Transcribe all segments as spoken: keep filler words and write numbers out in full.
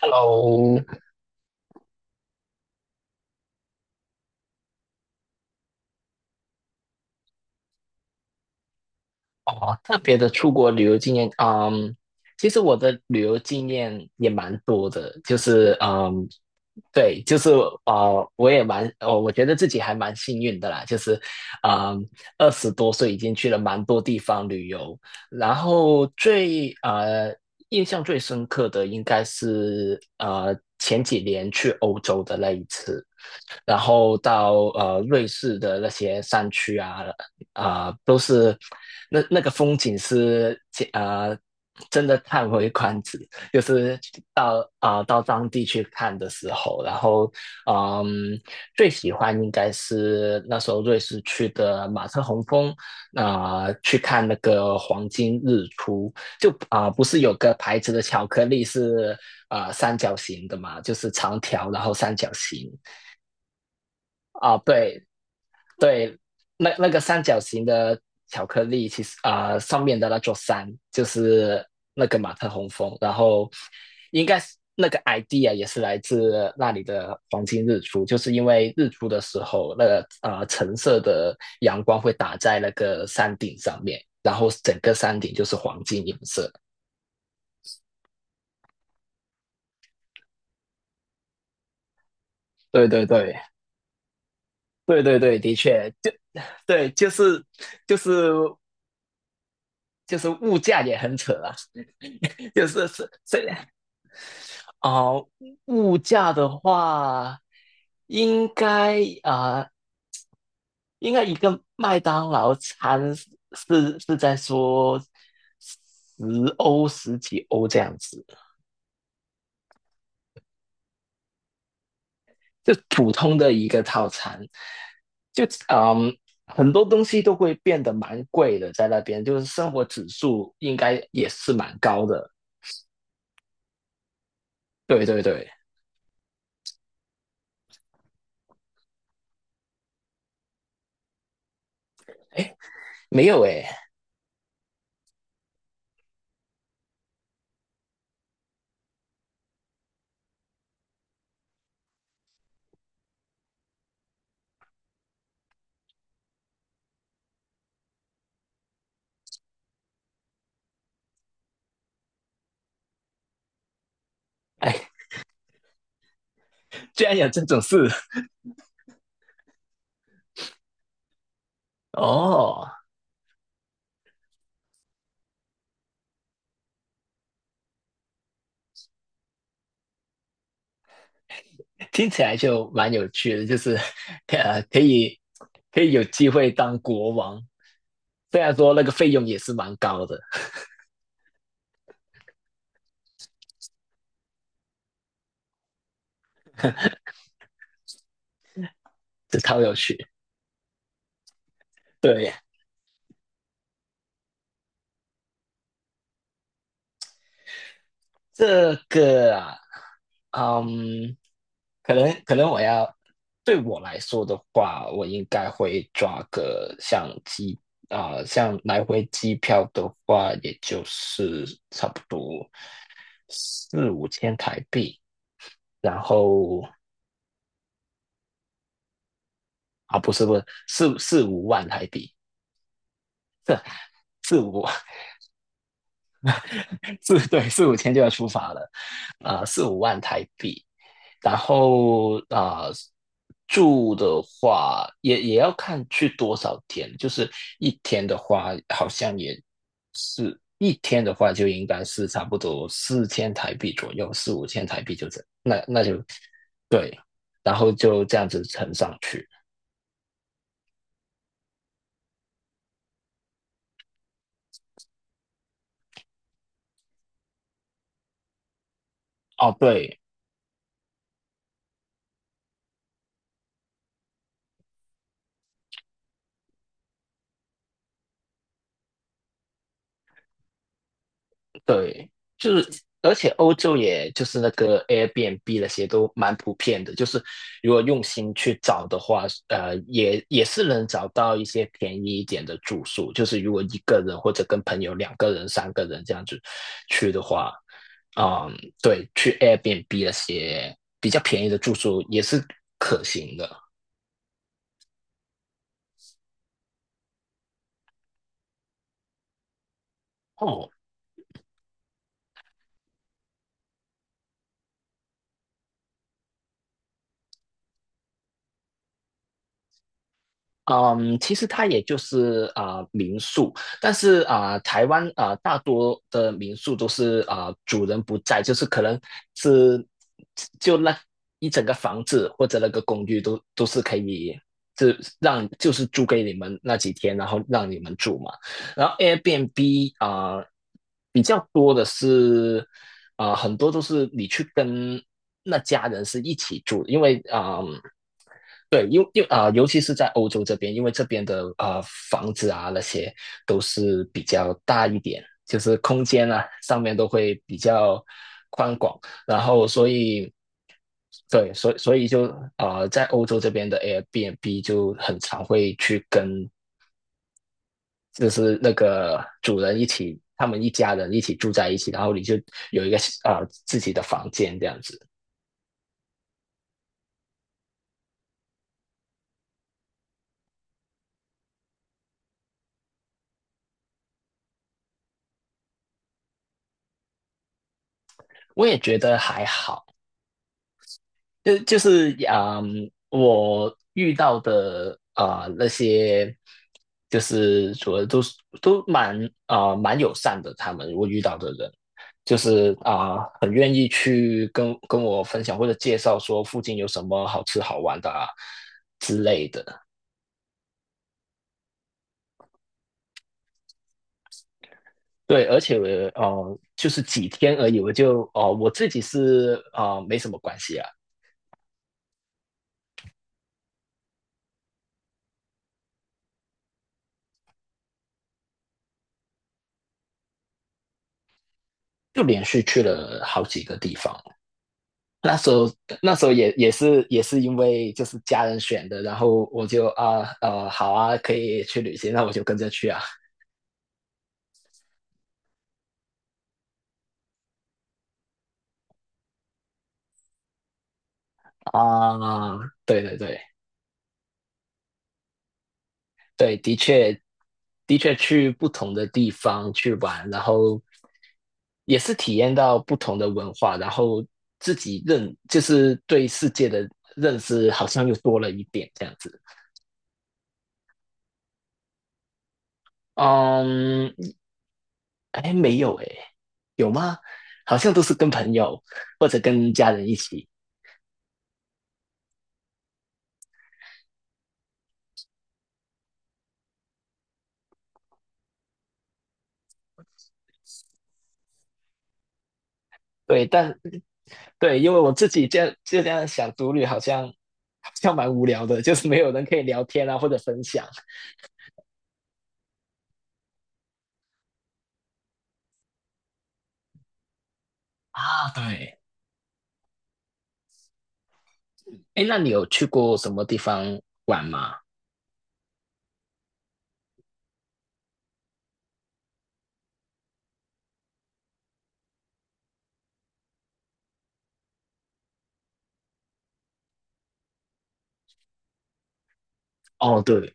Hello，哦，特别的出国旅游经验，嗯，其实我的旅游经验也蛮多的，就是，嗯，对，就是，呃，我也蛮，呃，我觉得自己还蛮幸运的啦，就是，嗯，二十多岁已经去了蛮多地方旅游，然后最，呃，印象最深刻的应该是，呃，前几年去欧洲的那一次。然后到呃瑞士的那些山区啊，啊、都是那那个风景是呃真的叹为观止，就是到啊、到当地去看的时候，然后嗯最喜欢应该是那时候瑞士去的马特洪峰，啊、去看那个黄金日出。就啊、不是有个牌子的巧克力是啊、三角形的嘛，就是长条然后三角形。啊，对。对，那那个三角形的巧克力，其实啊、呃上面的那座山就是那个马特洪峰。然后应该是那个 idea 也是来自那里的黄金日出，就是因为日出的时候，那个呃橙色的阳光会打在那个山顶上面，然后整个山顶就是黄金颜色。对对对对对对，的确，就对，就是就是就是物价也很扯啊 就是是虽然哦，物价的话，应该啊、呃应该一个麦当劳餐是是在说十欧十几欧这样子。就普通的一个套餐，就嗯。很多东西都会变得蛮贵的，在那边就是生活指数应该也是蛮高的。对对对，哎，没有哎。哎，居然有这种事。哦，听起来就蛮有趣的，就是 呃，可以可以有机会当国王，虽然说那个费用也是蛮高的，这超有趣。对，这个啊，嗯，可能可能我要对我来说的话，我应该会抓个相机。啊、像来回机票的话，也就是差不多四五千台币。然后啊，不是不是四四五万台币。这四五四 对四五千就要出发了。啊，四五万台币。然后啊、呃住的话也也要看去多少天，就是一天的话好像也是一天的话就应该是差不多四千台币左右，四五千台币就这，那那就对。然后就这样子乘上去。哦，对，对，就是而且欧洲也就是那个 Airbnb 那些都蛮普遍的。就是如果用心去找的话，呃，也也是能找到一些便宜一点的住宿。就是如果一个人或者跟朋友两个人、三个人这样子去的话，嗯，对，去 Airbnb 那些比较便宜的住宿也是可行的。哦，嗯，其实它也就是啊、民宿。但是啊、台湾啊、大多的民宿都是啊、主人不在，就是可能是就那一整个房子或者那个公寓都都是可以，就让就是租给你们那几天，然后让你们住嘛。然后 Airbnb 啊、比较多的是啊、很多都是你去跟那家人是一起住，因为啊。嗯，对，因为因为啊、呃尤其是在欧洲这边，因为这边的啊呃房子啊那些都是比较大一点，就是空间啊上面都会比较宽广。然后所以对，所以所以就啊、呃在欧洲这边的 Airbnb 就很常会去跟就是那个主人一起，他们一家人一起住在一起，然后你就有一个啊、呃自己的房间这样子。我也觉得还好，就就是嗯，我遇到的啊、那些，就是主要都是都蛮啊、蛮友善的，他们我遇到的人，就是啊、很愿意去跟跟我分享或者介绍说附近有什么好吃好玩的啊之类的。对，而且我呃就是几天而已，我就哦、我自己是啊、没什么关系啊，就连续去了好几个地方。那时候那时候也也是也是因为就是家人选的，然后我就啊呃好啊，可以去旅行，那我就跟着去啊。啊，对对对对，的确的确去不同的地方去玩，然后也是体验到不同的文化，然后自己认就是对世界的认识好像又多了一点这样子。嗯，哎，没有哎。有吗？好像都是跟朋友或者跟家人一起。对，但对，因为我自己这样就这样想，独旅好像好像蛮无聊的，就是没有人可以聊天啊，或者分享啊。对，哎，那你有去过什么地方玩吗？哦，对，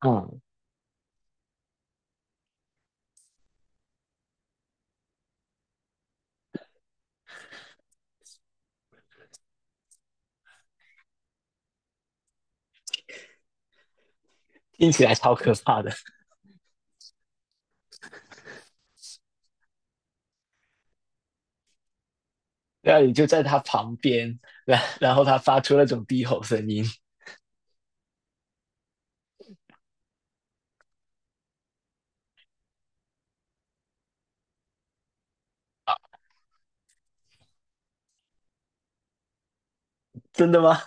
嗯，听起来超可怕的。然后你就在他旁边，然然后他发出那种低吼声音啊，真的吗？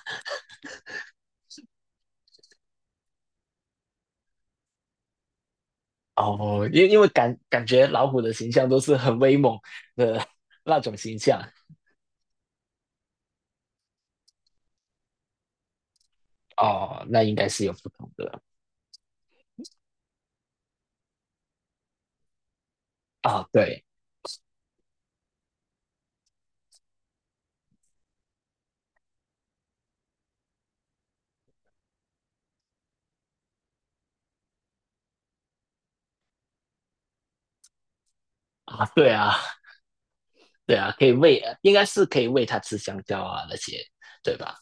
哦，因因为感感觉老虎的形象都是很威猛的那种形象。哦，那应该是有不同的啊。对啊，对啊。对啊，可以喂，应该是可以喂它吃香蕉啊那些，对吧？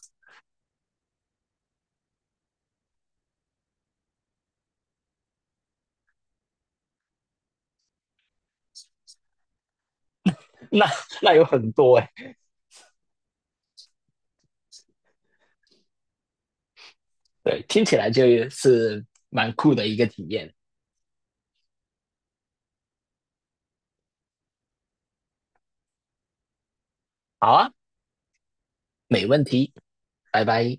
那那有很多哎、欸对，听起来就是蛮酷的一个体验。好啊，没问题，拜拜。